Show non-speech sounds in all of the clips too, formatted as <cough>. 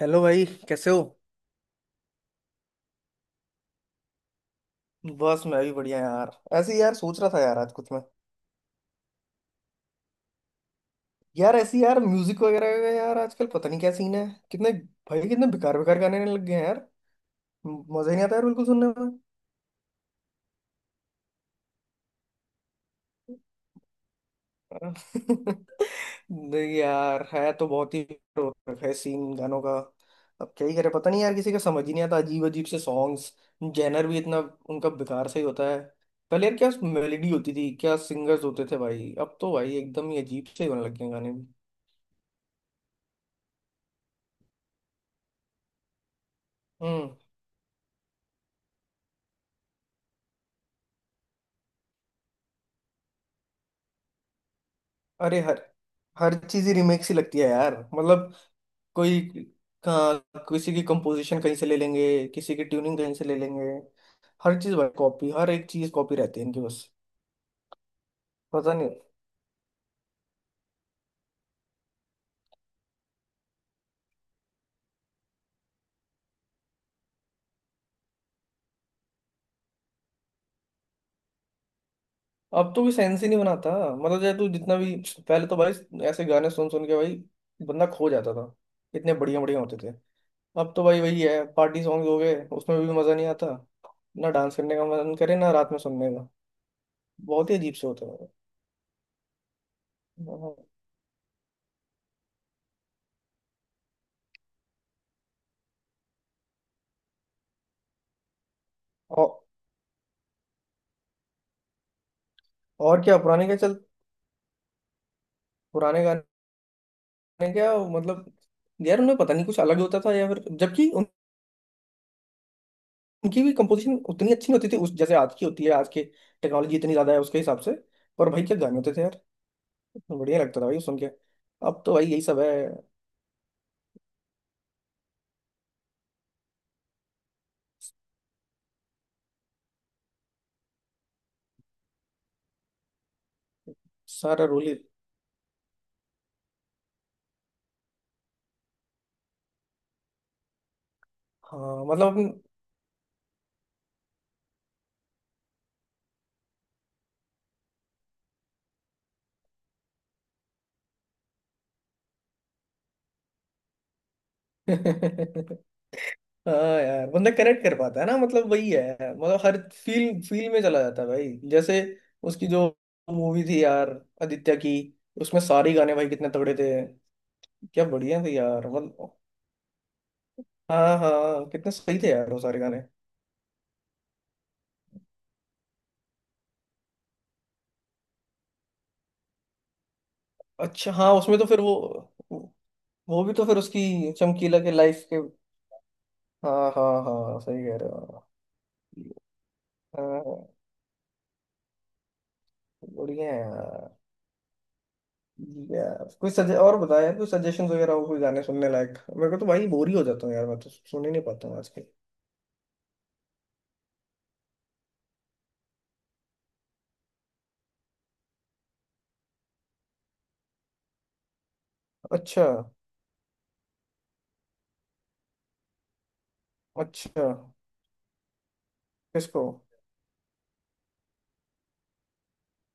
Hello भाई, कैसे हो? बस मैं भी बढ़िया यार। ऐसे ही यार सोच रहा था यार आज कुछ मैं। यार ऐसे ही यार म्यूजिक वगैरह का यार आजकल पता नहीं क्या सीन है। कितने भाई कितने बेकार बेकार गाने आने लग गए हैं यार। मजा ही नहीं आता यार बिल्कुल सुनने में। <laughs> नहीं यार, है तो बहुत ही हो रखा है सीन गानों का। अब क्या ही करें, पता नहीं यार, किसी का समझ ही नहीं आता, अजीब अजीब से सॉन्ग्स। जेनर भी इतना उनका बेकार सा ही होता है। पहले यार क्या मेलेडी होती थी, क्या सिंगर्स होते थे भाई, अब तो भाई एकदम ही अजीब से ही होने लग गए हैं गाने भी। हम्म। अरे हर हर चीज ही रीमेक सी लगती है यार मतलब। कोई का, किसी की कंपोजिशन कहीं से ले लेंगे, किसी की ट्यूनिंग कहीं से ले लेंगे। हर चीज भाई कॉपी, हर एक चीज कॉपी रहती है इनकी बस। पता नहीं। अब तो कोई सेंस ही नहीं बनाता, मतलब चाहे तू जितना भी। पहले तो भाई ऐसे गाने सुन सुन के भाई बंदा खो जाता था, इतने बढ़िया बढ़िया होते थे। अब तो भाई वही है, पार्टी सॉन्ग हो गए, उसमें भी मजा नहीं आता। ना डांस करने का मन करे, ना रात में सुनने का। बहुत ही अजीब से होते हैं। और और क्या पुराने क्या चल, पुराने गाने ने क्या मतलब यार उन्हें पता नहीं कुछ अलग होता था या फिर, जबकि उनकी भी कंपोजिशन उतनी अच्छी नहीं होती थी उस जैसे आज की होती है। आज के टेक्नोलॉजी इतनी ज्यादा है उसके हिसाब से, पर भाई क्या गाने होते थे यार, बढ़िया लगता था भाई सुन के। अब तो भाई यही सब है। सारा रोल ही। हाँ मतलब। अपन- <laughs> हाँ यार बंदा कनेक्ट कर पाता है ना, मतलब वही है, मतलब हर फील फील में चला जाता है भाई। जैसे उसकी जो मूवी थी यार, आदित्य की, उसमें सारे गाने भाई कितने तगड़े थे, क्या बढ़िया थे यार मतलब। हाँ हाँ, कितने सही थे यार वो सारे गाने। अच्छा हाँ, उसमें तो फिर वो भी तो फिर उसकी चमकीला के लाइफ के। हाँ हाँ हाँ सही कह रहे हो। हाँ, बढ़िया है यार। यार कोई सजे और बताया यार, कोई सजेशन वगैरह हो कोई गाने सुनने लायक, मेरे को तो भाई बोर ही हो जाता हूँ यार, मैं तो सुन ही नहीं पाता हूँ आजकल। अच्छा। अच्छा। किसको?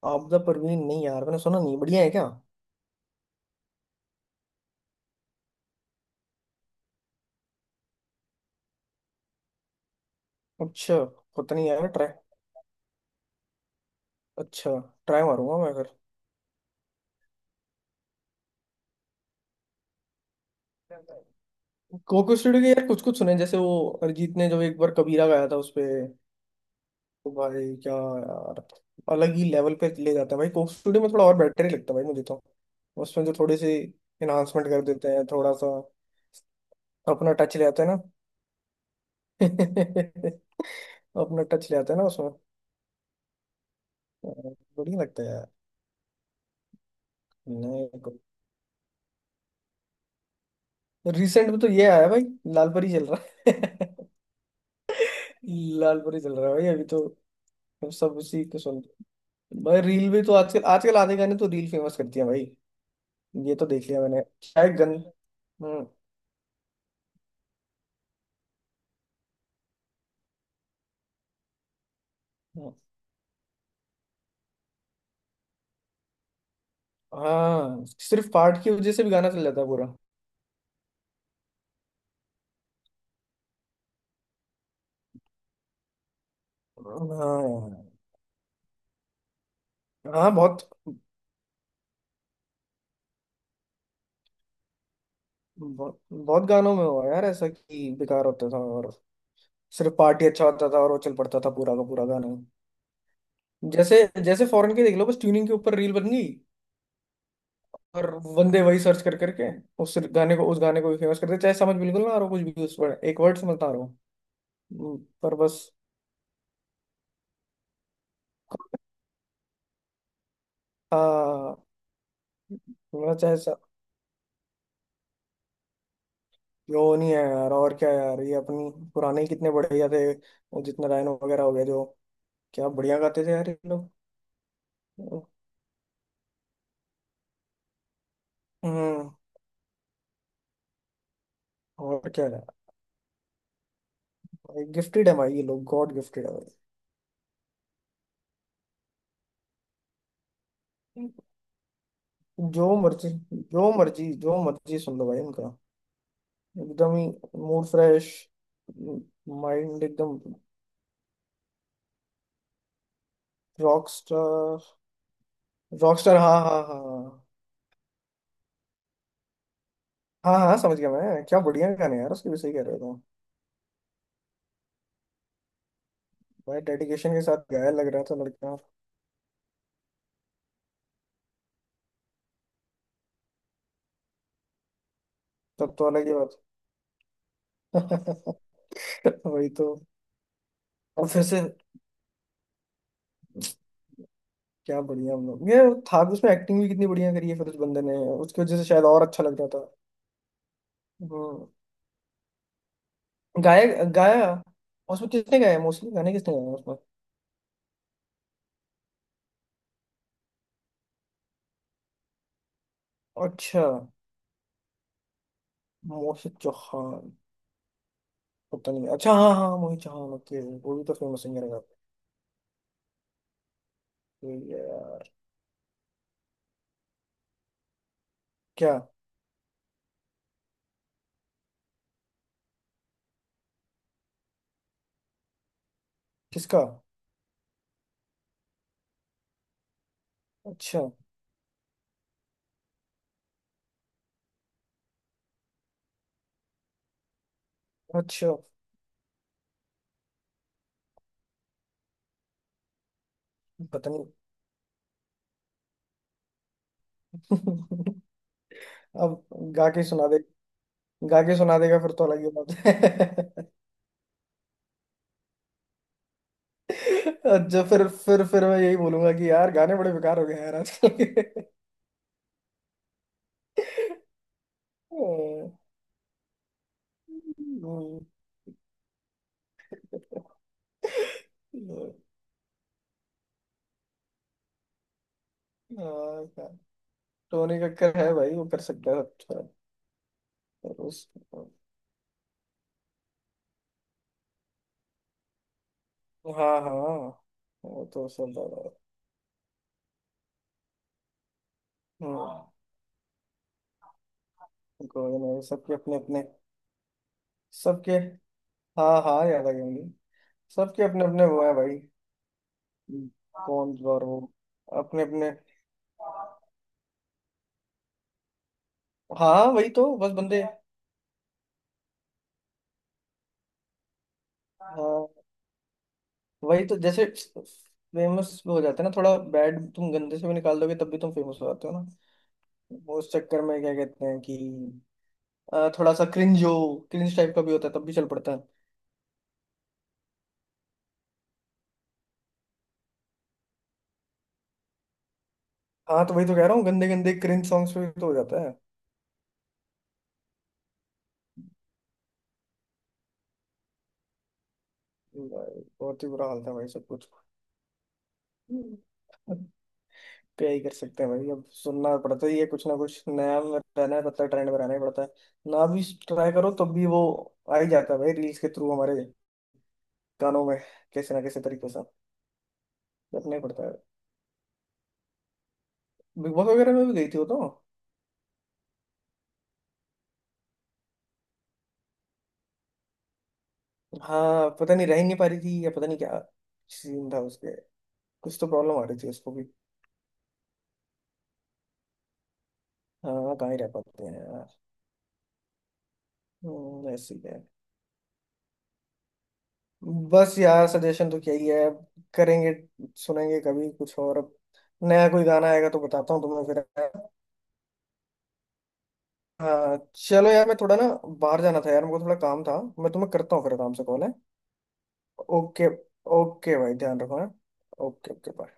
आपदा परवीन? नहीं यार मैंने सुना नहीं, बढ़िया है क्या? अच्छा। पता नहीं यार ट्राई, अच्छा, ट्राई मारूंगा मैं। अगर कोको स्टूडियो के यार कुछ कुछ सुने, जैसे वो अरिजीत ने जो एक बार कबीरा गाया था उसपे, तो भाई क्या यार, अलग ही लेवल पे ले जाता है भाई। कोको स्टूडियो में थोड़ा और बेटर ही लगता है भाई मुझे तो। उसमें जो थोड़ी सी इन्हांसमेंट कर देते हैं, थोड़ा सा अपना टच ले आते हैं ना। <laughs> अपना टच ले आते हैं ना उसमें। अ, बढ़िया लगता है यार। नहीं, रिसेंट में तो ये आया भाई, लाल परी चल रहा है। <laughs> लाल परी चल रहा है भाई अभी तो, सब उसी को सुनते हैं। भाई रील भी तो आजकल आजकल आधे गाने तो रील फेमस करती है भाई। ये तो देख लिया मैंने शायद गन। हम्म, हम्म। हाँ सिर्फ पार्ट की वजह से भी गाना चल जाता है पूरा। हाँ हाँ बहुत। बहुत, बहुत गानों में हुआ यार ऐसा कि बेकार होता था और सिर्फ पार्टी अच्छा होता था और वो चल पड़ता था पूरा का पूरा गाना। जैसे, जैसे फॉरेन के देख लो, बस ट्यूनिंग के ऊपर रील बन गई और बंदे वही सर्च कर करके उस गाने को भी फेमस करते, चाहे समझ बिल्कुल ना आ रहा हो कुछ भी, उस पर एक वर्ड समझ ना आ रहा हो, पर बस। हाँ मतलब चाहे, वो नहीं है यार और क्या यार। ये अपनी पुराने ही कितने बढ़िया थे, वो जितना रायनो वगैरह हो गया, जो क्या बढ़िया गाते थे यार ये लोग। हम्म। और क्या यार, गिफ्टेड है भाई ये लोग, गॉड गिफ्टेड है भाई। जो मर्जी जो मर्जी सुन लो भाई इनका, एकदम ही मूड फ्रेश, माइंड एकदम। रॉकस्टार। रॉकस्टार हाँ हाँ हाँ। हाँ हाँ हाँ समझ गया मैं, क्या बढ़िया गाने यार उसके भी, सही कह रहे हो तुम। भाई डेडिकेशन के साथ गाया लग रहा था लड़का। तब तो अलग ही बात। <laughs> <laughs> वही तो। और फिर से क्या बढ़िया हम लोग, ये था भी उसमें। एक्टिंग भी कितनी बढ़िया करी है फिर उस बंदे ने, उसकी वजह से शायद और अच्छा लग रहा था। हम्म। गाया गाया, उसमें किसने गाया? मोस्टली गाने किसने गाया उसमें? अच्छा, मोहित चौहान, पता नहीं। अच्छा हाँ हाँ, मोहित चौहान, ओके, वो भी तो फेमस सिंगर है। ये यार क्या? किसका? अच्छा। अच्छा पता नहीं। <laughs> अब गा के सुना दे, गा के सुना देगा फिर तो अलग ही बात है। <laughs> अच्छा, फिर फिर मैं यही बोलूंगा कि यार गाने बड़े बेकार हो गए हैं यार आजकल के। हम्म। हाँ, क्या- टोनी कक्कर है भाई, वो कर सकता है। अच्छा, पर उस, हाँ हाँ, वो तो सब दादा है। हम्म। कोई नहीं, सबके अपने अपने, सबके। हाँ हाँ याद आ गया मुझे, सबके अपने अपने वो है भाई। कौन और वो, अपने अपने। हाँ वही तो, बस बंदे, हाँ वही तो, जैसे फेमस हो जाते हैं ना, थोड़ा बैड तुम गंदे से भी निकाल दोगे तब भी तुम फेमस हो जाते हो ना। वो उस चक्कर में क्या कहते हैं कि थोड़ा सा क्रिंज हो, क्रिंज टाइप का भी होता है तब भी चल पड़ता है। हाँ तो वही तो कह रहा हूँ, गंदे गंदे क्रिंज सॉन्ग्स पे भी तो हो जाता है। भाई, बहुत ही बुरा हाल था भाई सब कुछ। अब क्या ही कर सकते हैं भाई, अब सुनना पड़ता ही है, कुछ ना कुछ नया में रहना है पड़ता है, ट्रेंड में रहना ही पड़ता है। ना भी ट्राई करो तब भी वो आ ही जाता है भाई, रील्स के थ्रू हमारे कानों में, कैसे ना कैसे तरीके से, करना ही पड़ता है। बिग बॉस वगैरह में भी गई थी वो तो। हाँ पता नहीं, रह ही नहीं पा रही थी या पता नहीं क्या सीन था उसके, कुछ तो प्रॉब्लम आ रही थी उसको भी। हाँ कहाँ ही रह पाते हैं यार। ऐसे ही है। बस यार सजेशन तो क्या ही है अब, करेंगे, सुनेंगे कभी कुछ और। अब नया कोई गाना आएगा तो बताता हूँ तुम्हें फिर। हाँ चलो यार, मैं थोड़ा ना बाहर जाना था यार, मेरे को थोड़ा काम था, मैं तुम्हें करता हूँ फिर काम से, कॉल है। ओके, ओके भाई, ध्यान रखो है। Okay okay bye.